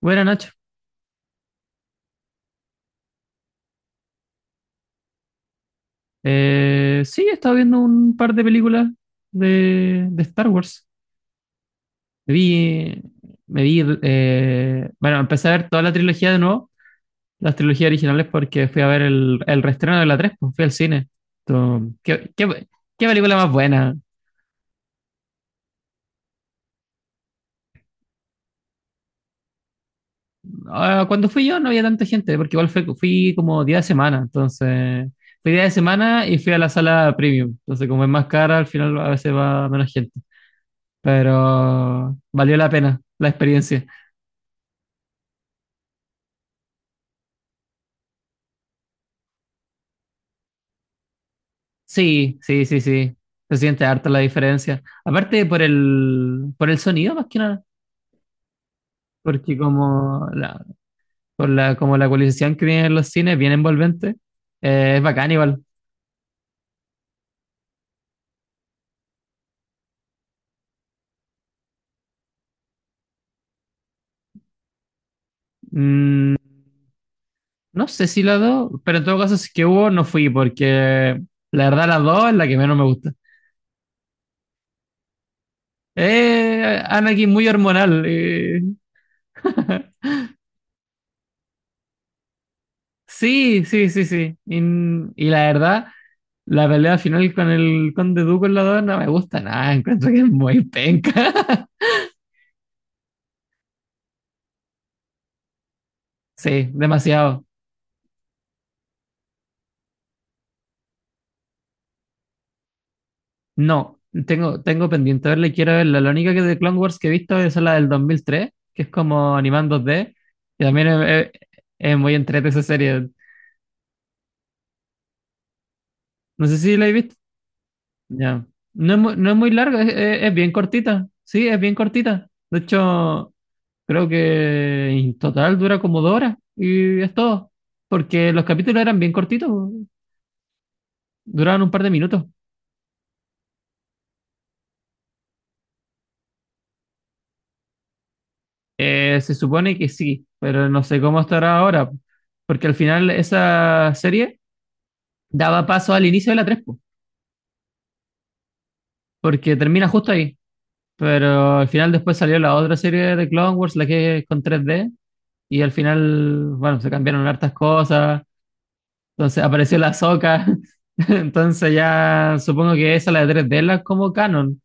Buena Nacho. Sí, he estado viendo un par de películas de Star Wars. Me vi, me vi, bueno, empecé a ver toda la trilogía de nuevo, las trilogías originales, porque fui a ver el reestreno de la 3, pues fui al cine. Entonces, ¿ qué película más buena? Ah, cuando fui yo no había tanta gente, porque igual fui como día de semana, entonces fui día de semana y fui a la sala premium. Entonces, como es más cara, al final a veces va menos gente. Pero valió la pena la experiencia. Sí, sí, sí, sí. Se siente harta la diferencia. Aparte por por el sonido más que nada, porque por como la ecualización que tienen los cines, bien envolvente, es bacán igual. Mm, no sé si la dos, pero en todo caso si es que hubo, no fui, porque la verdad la dos es la que menos me gusta. Anakin muy hormonal. Sí, sí, sí, sí. Y la verdad... La pelea final con el Conde Dooku en la 2 no me gusta nada, encuentro que es muy penca. Sí, demasiado. No, tengo pendiente verla y quiero verla. La única que de Clone Wars que he visto es la del 2003, que es como animando 2D, y también es muy entrete esa serie. No sé si la he visto. Ya. No es muy larga, es bien cortita. Sí, es bien cortita. De hecho, creo que en total dura como dos horas y es todo. Porque los capítulos eran bien cortitos. Duraron un par de minutos. Se supone que sí, pero no sé cómo estará ahora, porque al final esa serie daba paso al inicio de la 3 po, porque termina justo ahí. Pero al final después salió la otra serie de Clone Wars, la que es con tres d y al final, bueno, se cambiaron hartas cosas, entonces apareció la Soca, entonces ya supongo que esa, la de 3D, es la es como canon.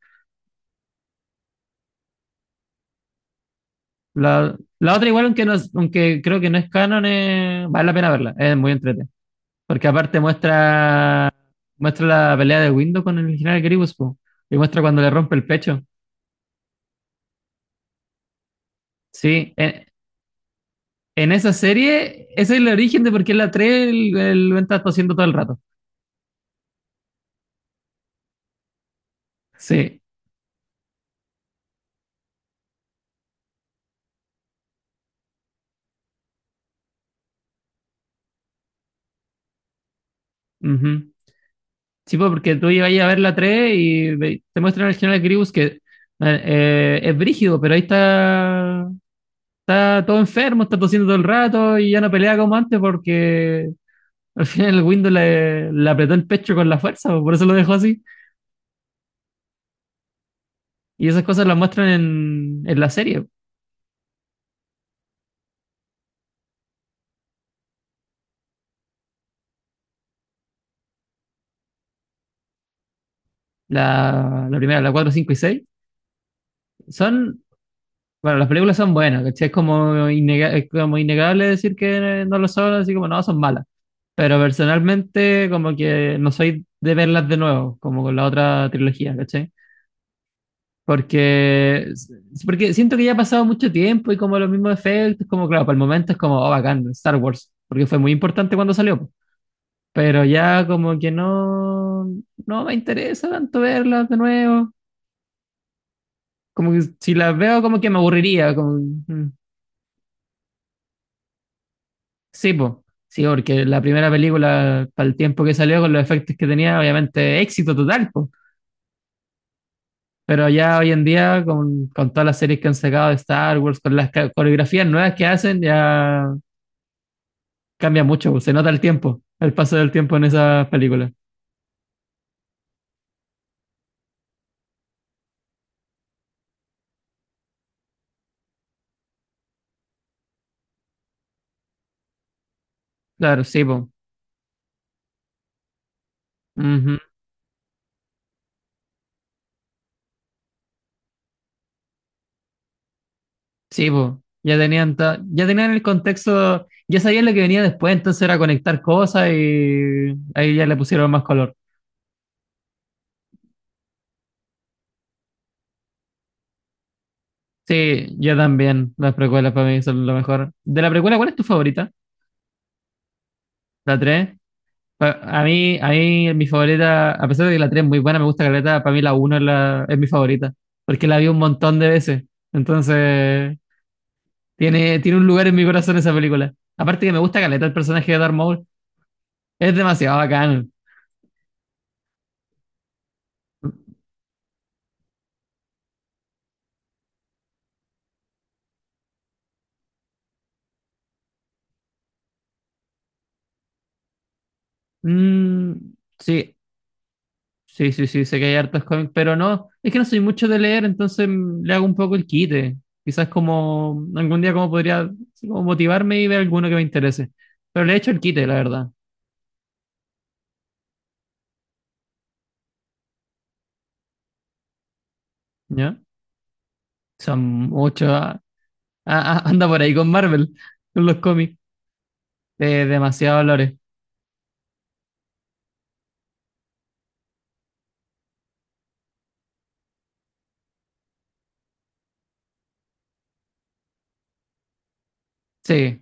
La otra igual, aunque, no, aunque creo que no es canon, vale la pena verla, es muy entretenida, porque aparte muestra Muestra la pelea de Windows con el original Gribus, po. Y muestra cuando le rompe el pecho. Sí, en esa serie, ese es el origen de por qué en la 3 el Venta está haciendo todo el rato. Sí. Ujú. Sí, po, porque tú ibas a ver la 3 y te muestran el general Gribus que es brígido, pero ahí está, está todo enfermo, está tosiendo todo el rato y ya no pelea como antes porque al final el Windows le apretó el pecho con la fuerza, po, por eso lo dejó así. Y esas cosas las muestran en la serie. La la, primera, la 4 5 y 6 son, bueno, las películas son buenas, ¿cachai? Es como, es como innegable decir que no lo son, así como no, son malas. Pero personalmente, como que no soy de verlas de nuevo, como con la otra trilogía, ¿cachai? Porque, porque siento que ya ha pasado mucho tiempo y como los mismos efectos, como claro, para el momento es como, oh, bacán, Star Wars, porque fue muy importante cuando salió, po. Pero ya como que no me interesa tanto verlas de nuevo. Como que si las veo, como que me aburriría. Como, mm, sí, po. Sí, porque la primera película, para el tiempo que salió, con los efectos que tenía, obviamente éxito total, po. Pero ya hoy en día, con todas las series que han sacado de Star Wars, con las coreografías nuevas que hacen, ya cambia mucho, po. Se nota el tiempo, el paso del tiempo en esas películas. Claro, sí, po. Ujú. Sí, po. Ya tenían el contexto, ya sabían lo que venía después, entonces era conectar cosas y ahí ya le pusieron más color. Sí, yo también. Las precuelas para mí son lo mejor. De la precuela, ¿cuál es tu favorita? ¿La 3. A a mí, mi favorita, a pesar de que la 3 es muy buena, me gusta Caleta, para mí la uno es mi favorita, porque la vi un montón de veces. Entonces, tiene un lugar en mi corazón esa película. Aparte que me gusta Caleta, el personaje de Darth Maul es demasiado bacán. Mm, sí. Sí, sí, sí, sé que hay hartos cómics, pero no, es que no soy mucho de leer, entonces mm, le hago un poco el quite. Quizás como algún día como podría así como motivarme y ver alguno que me interese. Pero le he hecho el quite, la verdad, ¿ya? Son muchos, ah, ah, ah, anda por ahí con Marvel, con los cómics, de demasiado valores. Sí,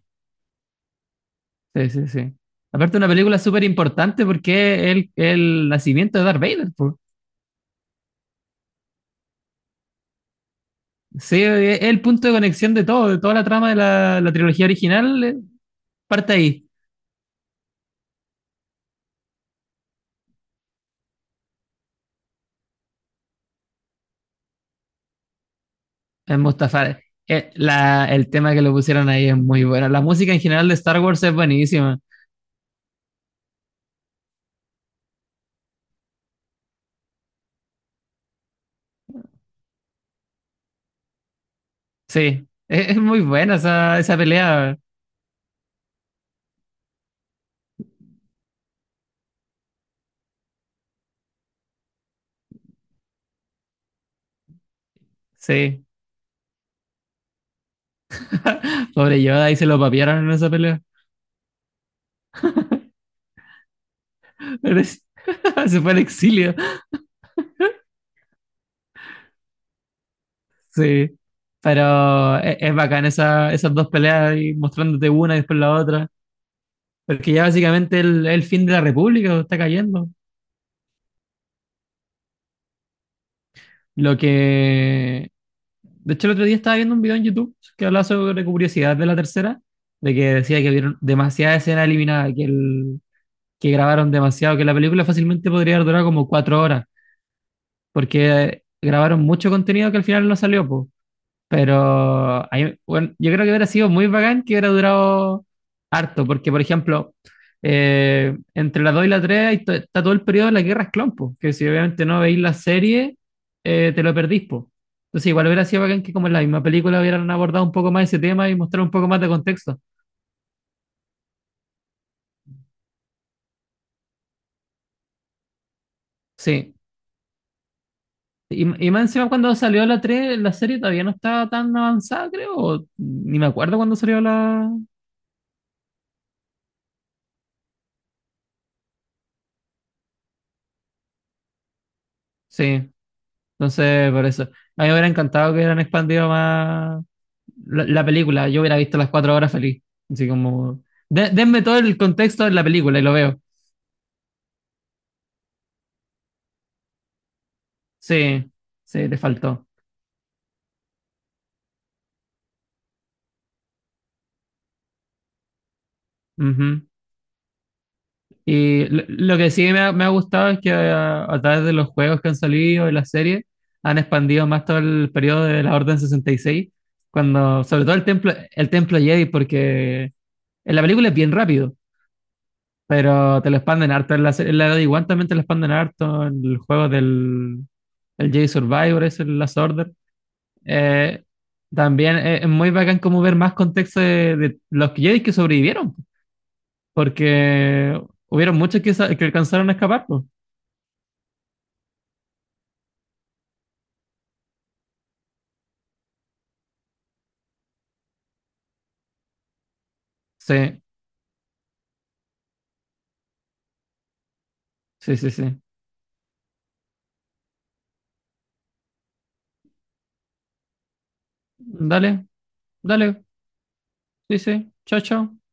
sí, sí, sí. Aparte una película súper importante porque es el nacimiento de Darth Vader, po. Sí, es el punto de conexión de todo, de toda la trama de la trilogía original, parte ahí. Es Mustafar. El tema que le pusieron ahí es muy bueno. La música en general de Star Wars es buenísima. Sí, es muy buena esa pelea. Sí, pobre Yoda, ahí se lo papiaron en esa pelea. Pero es- se fue al exilio. Sí, pero es bacán esas dos peleas y mostrándote una y después la otra. Porque ya básicamente el fin de la República está cayendo. Lo que De hecho, el otro día estaba viendo un video en YouTube que hablaba sobre curiosidad de la tercera, de que decía que vieron demasiada escena eliminada, que grabaron demasiado, que la película fácilmente podría haber durado como cuatro horas, porque grabaron mucho contenido que al final no salió, po. Bueno, yo creo que hubiera sido muy bacán que hubiera durado harto, porque por ejemplo, entre la 2 y la 3 está todo el periodo de las guerras clon, po, que si obviamente no veis la serie, te lo perdís, po. Entonces igual hubiera sido bacán que como en la misma película hubieran abordado un poco más ese tema y mostrar un poco más de contexto. Sí. Y más encima cuando salió la 3 la serie todavía no estaba tan avanzada, creo, o ni me acuerdo cuando salió la... Sí, entonces por eso. A mí me hubiera encantado que hubieran expandido más la película, yo hubiera visto las cuatro horas feliz. Así como, denme todo el contexto de la película y lo veo. Sí, sí, le faltó. Ujú. Y lo que sí me ha gustado es que a través de los juegos que han salido y las series, han expandido más todo el periodo de la Orden sesenta y seis cuando, sobre todo el templo Jedi, porque en la película es bien rápido, pero te lo expanden harto. En la de Obi-Wan también te lo expanden harto, en el juego del el Jedi Survivor, es el Last Order. Eh, también es muy bacán como ver más contexto de los Jedi que sobrevivieron, porque hubieron muchos que alcanzaron a escapar, pues. Sí, sí, sí, sí. Dale, dale, sí, sí, chao, chao.